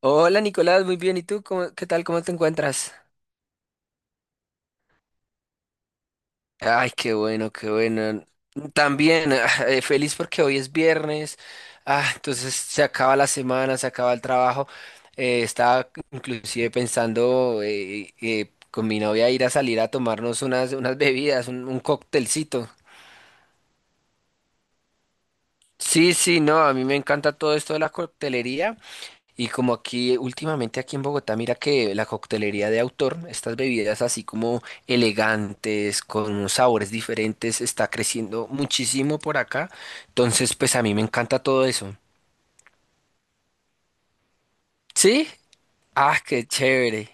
Hola Nicolás, muy bien. ¿Y tú? ¿Qué tal? ¿Cómo te encuentras? Ay, qué bueno, qué bueno. También feliz porque hoy es viernes. Ah, entonces se acaba la semana, se acaba el trabajo. Estaba inclusive pensando con mi novia ir a salir a tomarnos unas bebidas, un cóctelcito. Sí, sí, no, a mí me encanta todo esto de la coctelería. Y como aquí últimamente aquí en Bogotá, mira que la coctelería de autor, estas bebidas así como elegantes, con unos sabores diferentes, está creciendo muchísimo por acá. Entonces, pues a mí me encanta todo eso. ¿Sí? Ah, qué chévere.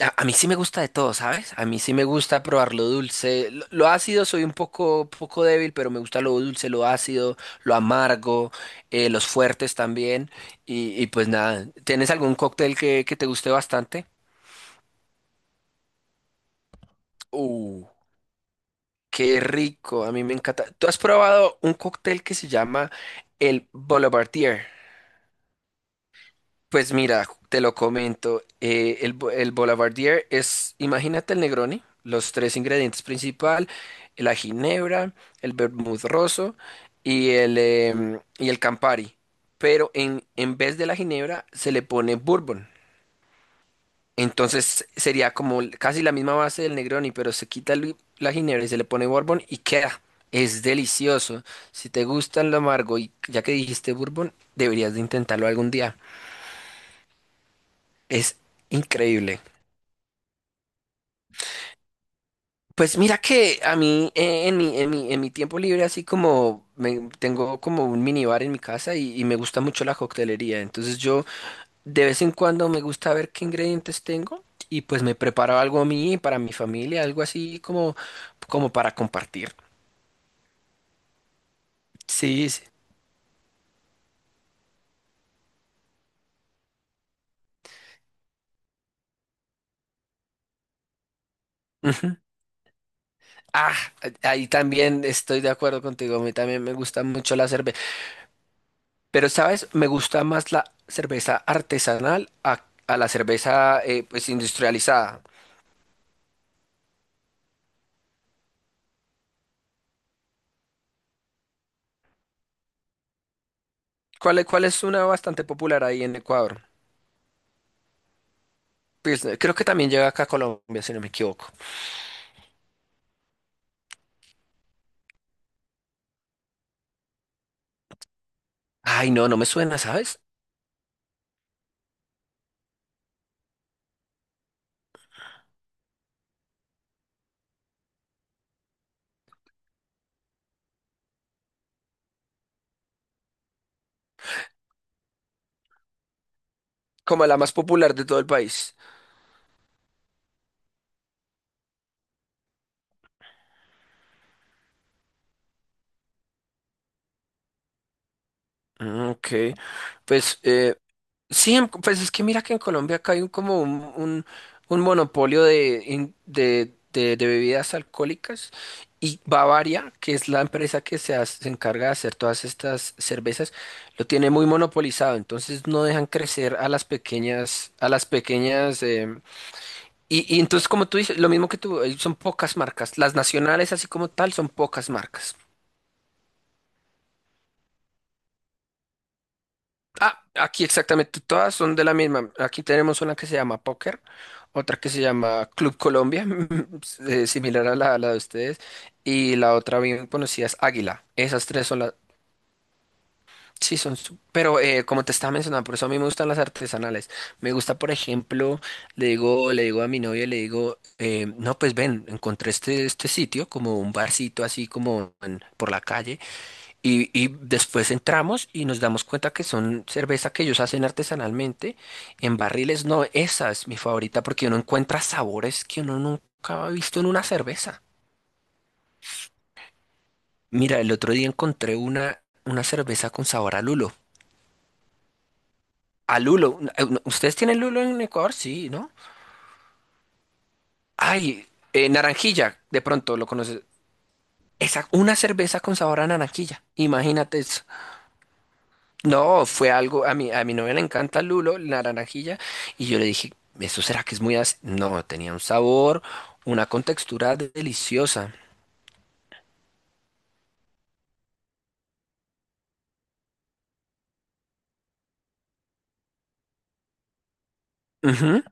A mí sí me gusta de todo, ¿sabes? A mí sí me gusta probar lo dulce. Lo ácido soy un poco, poco débil, pero me gusta lo dulce, lo ácido, lo amargo, los fuertes también. Y pues nada, ¿tienes algún cóctel que te guste bastante? Uh, qué rico, a mí me encanta. ¿Tú has probado un cóctel que se llama el Boulevardier? Pues mira, te lo comento, el Boulevardier es, imagínate el Negroni, los tres ingredientes principal, la ginebra, el vermut rosso y y el Campari, pero en vez de la ginebra se le pone bourbon. Entonces sería como casi la misma base del Negroni, pero se quita la ginebra y se le pone bourbon y queda. Es delicioso. Si te gusta lo amargo y ya que dijiste bourbon, deberías de intentarlo algún día. Es increíble. Pues mira que a mí en mi tiempo libre así como tengo como un minibar en mi casa y me gusta mucho la coctelería. Entonces yo de vez en cuando me gusta ver qué ingredientes tengo y pues me preparo algo a mí, para mi familia, algo así como, como para compartir. Sí, sí. Ujú. Ah, ahí también estoy de acuerdo contigo. A mí también me gusta mucho la cerveza. Pero, ¿sabes? Me gusta más la cerveza artesanal a la cerveza pues industrializada. ¿Cuál, cuál es una bastante popular ahí en Ecuador? Pues creo que también llega acá a Colombia, si no me equivoco. Ay, no, no me suena, ¿sabes? Como la más popular de todo el país. Ah, ok, pues sí, pues es que mira que en Colombia acá hay un, como un monopolio de, de bebidas alcohólicas y Bavaria, que es la empresa que se encarga de hacer todas estas cervezas, lo tiene muy monopolizado, entonces no dejan crecer a las pequeñas, y entonces como tú dices, lo mismo que tú, son pocas marcas, las nacionales así como tal son pocas marcas. Ah, aquí exactamente todas son de la misma. Aquí tenemos una que se llama Póker, otra que se llama Club Colombia, similar a la de ustedes, y la otra bien conocida es Águila. Esas tres son las... Sí, son... Pero como te estaba mencionando, por eso a mí me gustan las artesanales. Me gusta, por ejemplo, le digo a mi novia, le digo, no, pues ven, encontré este sitio, como un barcito así como por la calle. Y después entramos y nos damos cuenta que son cerveza que ellos hacen artesanalmente en barriles. No, esa es mi favorita porque uno encuentra sabores que uno nunca ha visto en una cerveza. Mira, el otro día encontré una cerveza con sabor a lulo. A lulo. No, ¿ustedes tienen lulo en Ecuador? Sí, ¿no? Ay, naranjilla, de pronto lo conoces. Esa, una cerveza con sabor a naranjilla. Imagínate, eso. No, fue algo, a mi novia le encanta lulo, la naranjilla, y yo le dije, ¿eso será que es muy ácido? No, tenía un sabor, una contextura deliciosa. Ujú.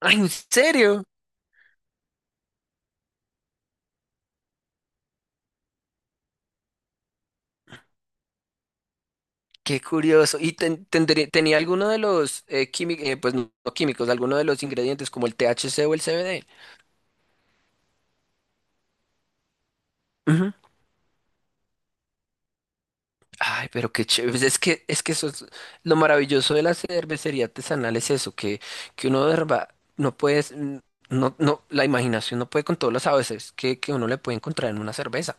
Ay, ¿en serio? Qué curioso. ¿Y tenía alguno de los químicos, pues no no químicos, alguno de los ingredientes como el THC o el CBD? Ay, pero qué chévere. Pues es que, es que eso es lo maravilloso de la cervecería artesanal es eso, que uno de verdad no puedes, no, no, la imaginación no puede con todos los sabores que uno le puede encontrar en una cerveza.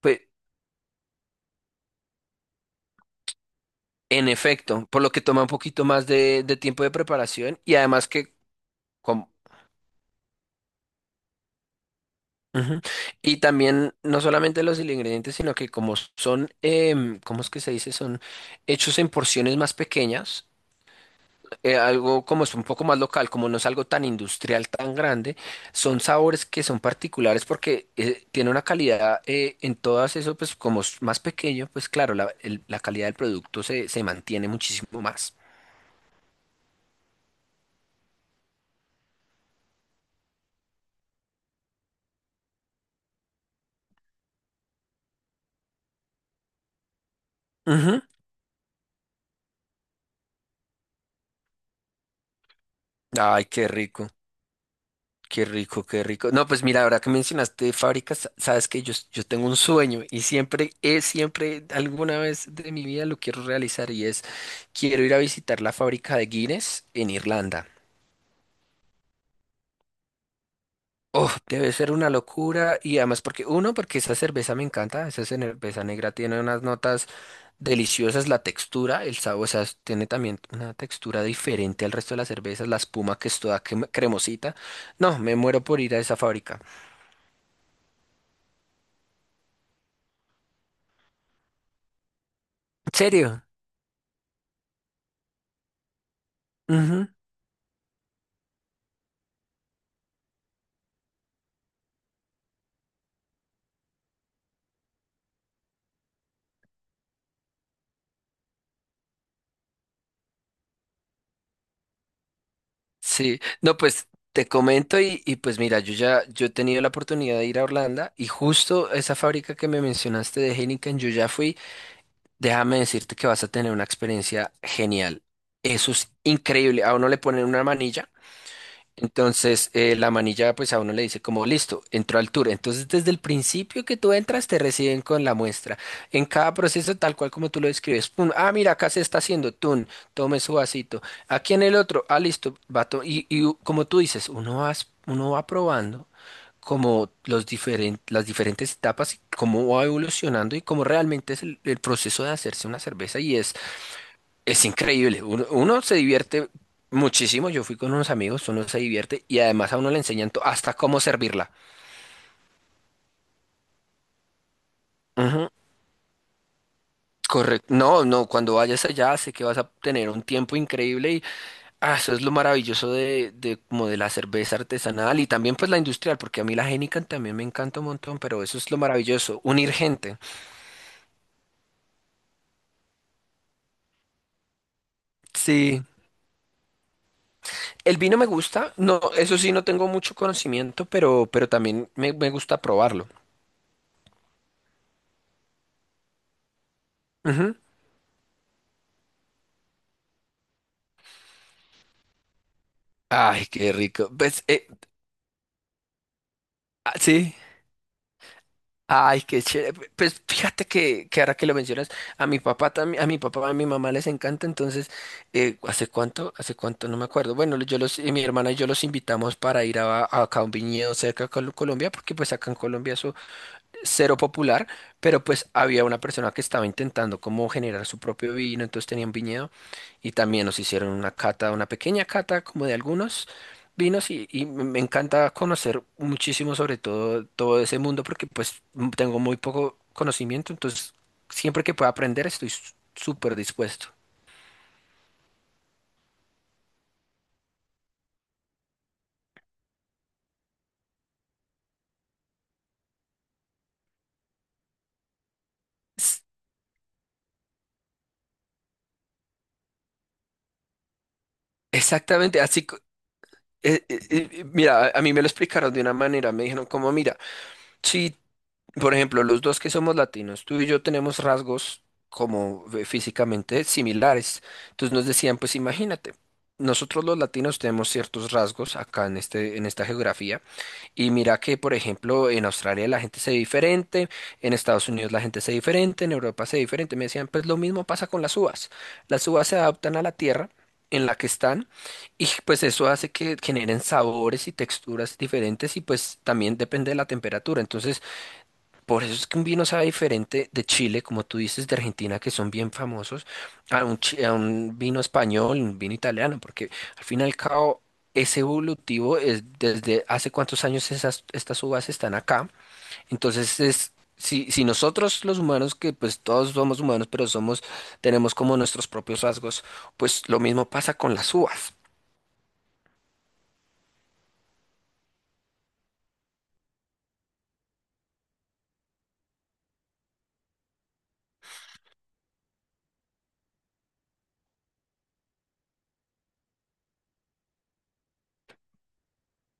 Pues, en efecto, por lo que toma un poquito más de tiempo de preparación y además que como ujú. Y también no solamente los ingredientes, sino que como son, ¿cómo es que se dice? Son hechos en porciones más pequeñas. Algo como es un poco más local, como no es algo tan industrial, tan grande, son sabores que son particulares porque tiene una calidad en todas eso, pues como es más pequeño, pues claro, la calidad del producto se, se mantiene muchísimo más. Ujú. Ay, qué rico, qué rico, qué rico. No, pues mira, ahora que mencionaste fábricas, sabes que yo tengo un sueño y siempre, es siempre, alguna vez de mi vida lo quiero realizar y es, quiero ir a visitar la fábrica de Guinness en Irlanda. Oh, debe ser una locura y además porque uno, porque esa cerveza me encanta, esa cerveza negra tiene unas notas deliciosas, la textura, el sabor, o sea, tiene también una textura diferente al resto de las cervezas, la espuma que es toda cremosita. No, me muero por ir a esa fábrica. ¿En serio? Ujú. Sí, no, pues te comento y pues mira, yo ya yo he tenido la oportunidad de ir a Orlando y justo esa fábrica que me mencionaste de Heineken, yo ya fui. Déjame decirte que vas a tener una experiencia genial. Eso es increíble. A uno le ponen una manilla. Entonces, la manilla, pues a uno le dice como, listo, entró al tour. Entonces, desde el principio que tú entras, te reciben con la muestra. En cada proceso, tal cual como tú lo describes, pum, ah, mira, acá se está haciendo, tun, tome su vasito. Aquí en el otro, ah, listo, y, como tú dices, uno va probando como los las diferentes etapas y cómo va evolucionando y cómo realmente es el proceso de hacerse una cerveza. Y es increíble, uno, uno se divierte muchísimo, yo fui con unos amigos, uno se divierte y además a uno le enseñan hasta cómo servirla. Ujú, correcto, no, no, cuando vayas allá sé que vas a tener un tiempo increíble y ah, eso es lo maravilloso de como de la cerveza artesanal y también pues la industrial, porque a mí la Heineken también me encanta un montón, pero eso es lo maravilloso, unir gente. Sí, el vino me gusta, no, eso sí no tengo mucho conocimiento, pero también me gusta probarlo. Ujú. Ay, qué rico. Pues, ah, sí. Ay, qué chévere. Pues fíjate que ahora que lo mencionas, a mi papá también, a mi papá, a mi mamá les encanta, entonces, ¿hace cuánto? ¿Hace cuánto? No me acuerdo. Bueno, yo los, mi hermana y yo los invitamos para ir a acá a un viñedo cerca de Colombia, porque pues acá en Colombia eso cero popular, pero pues había una persona que estaba intentando como generar su propio vino, entonces tenían viñedo y también nos hicieron una cata, una pequeña cata como de algunos vinos y me encanta conocer muchísimo sobre todo todo ese mundo porque pues tengo muy poco conocimiento, entonces siempre que pueda aprender estoy súper dispuesto. S- Exactamente, así, mira, a mí me lo explicaron de una manera, me dijeron como, mira, si por ejemplo, los dos que somos latinos, tú y yo tenemos rasgos como físicamente similares. Entonces nos decían, pues imagínate, nosotros los latinos tenemos ciertos rasgos acá en en esta geografía. Y mira que, por ejemplo, en Australia la gente se ve diferente, en Estados Unidos la gente se ve diferente, en Europa se ve diferente. Me decían, pues lo mismo pasa con las uvas. Las uvas se adaptan a la tierra en la que están y pues eso hace que generen sabores y texturas diferentes y pues también depende de la temperatura. Entonces, por eso es que un vino sabe diferente de Chile, como tú dices, de Argentina, que son bien famosos, a un, a un vino español, un vino italiano, porque al fin y al cabo es evolutivo, es desde hace cuántos años estas uvas están acá. Entonces es, si nosotros los humanos, que pues todos somos humanos, pero somos, tenemos como nuestros propios rasgos, pues lo mismo pasa con las uvas.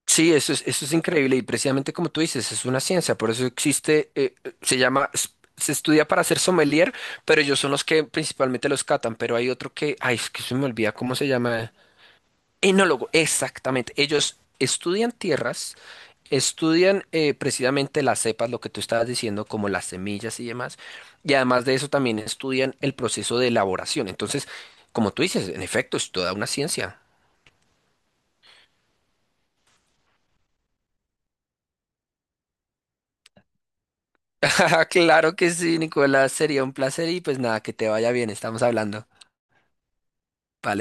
Sí, eso es increíble y precisamente como tú dices, es una ciencia, por eso existe, se llama, s- se estudia para ser sommelier, pero ellos son los que principalmente los catan, pero hay otro que, ay, es que se me olvida cómo se llama, enólogo, exactamente, ellos estudian tierras, estudian precisamente las cepas, lo que tú estabas diciendo, como las semillas y demás, y además de eso también estudian el proceso de elaboración, entonces, como tú dices, en efecto, es toda una ciencia. Claro que sí, Nicolás, sería un placer y pues nada, que te vaya bien, estamos hablando. Vale.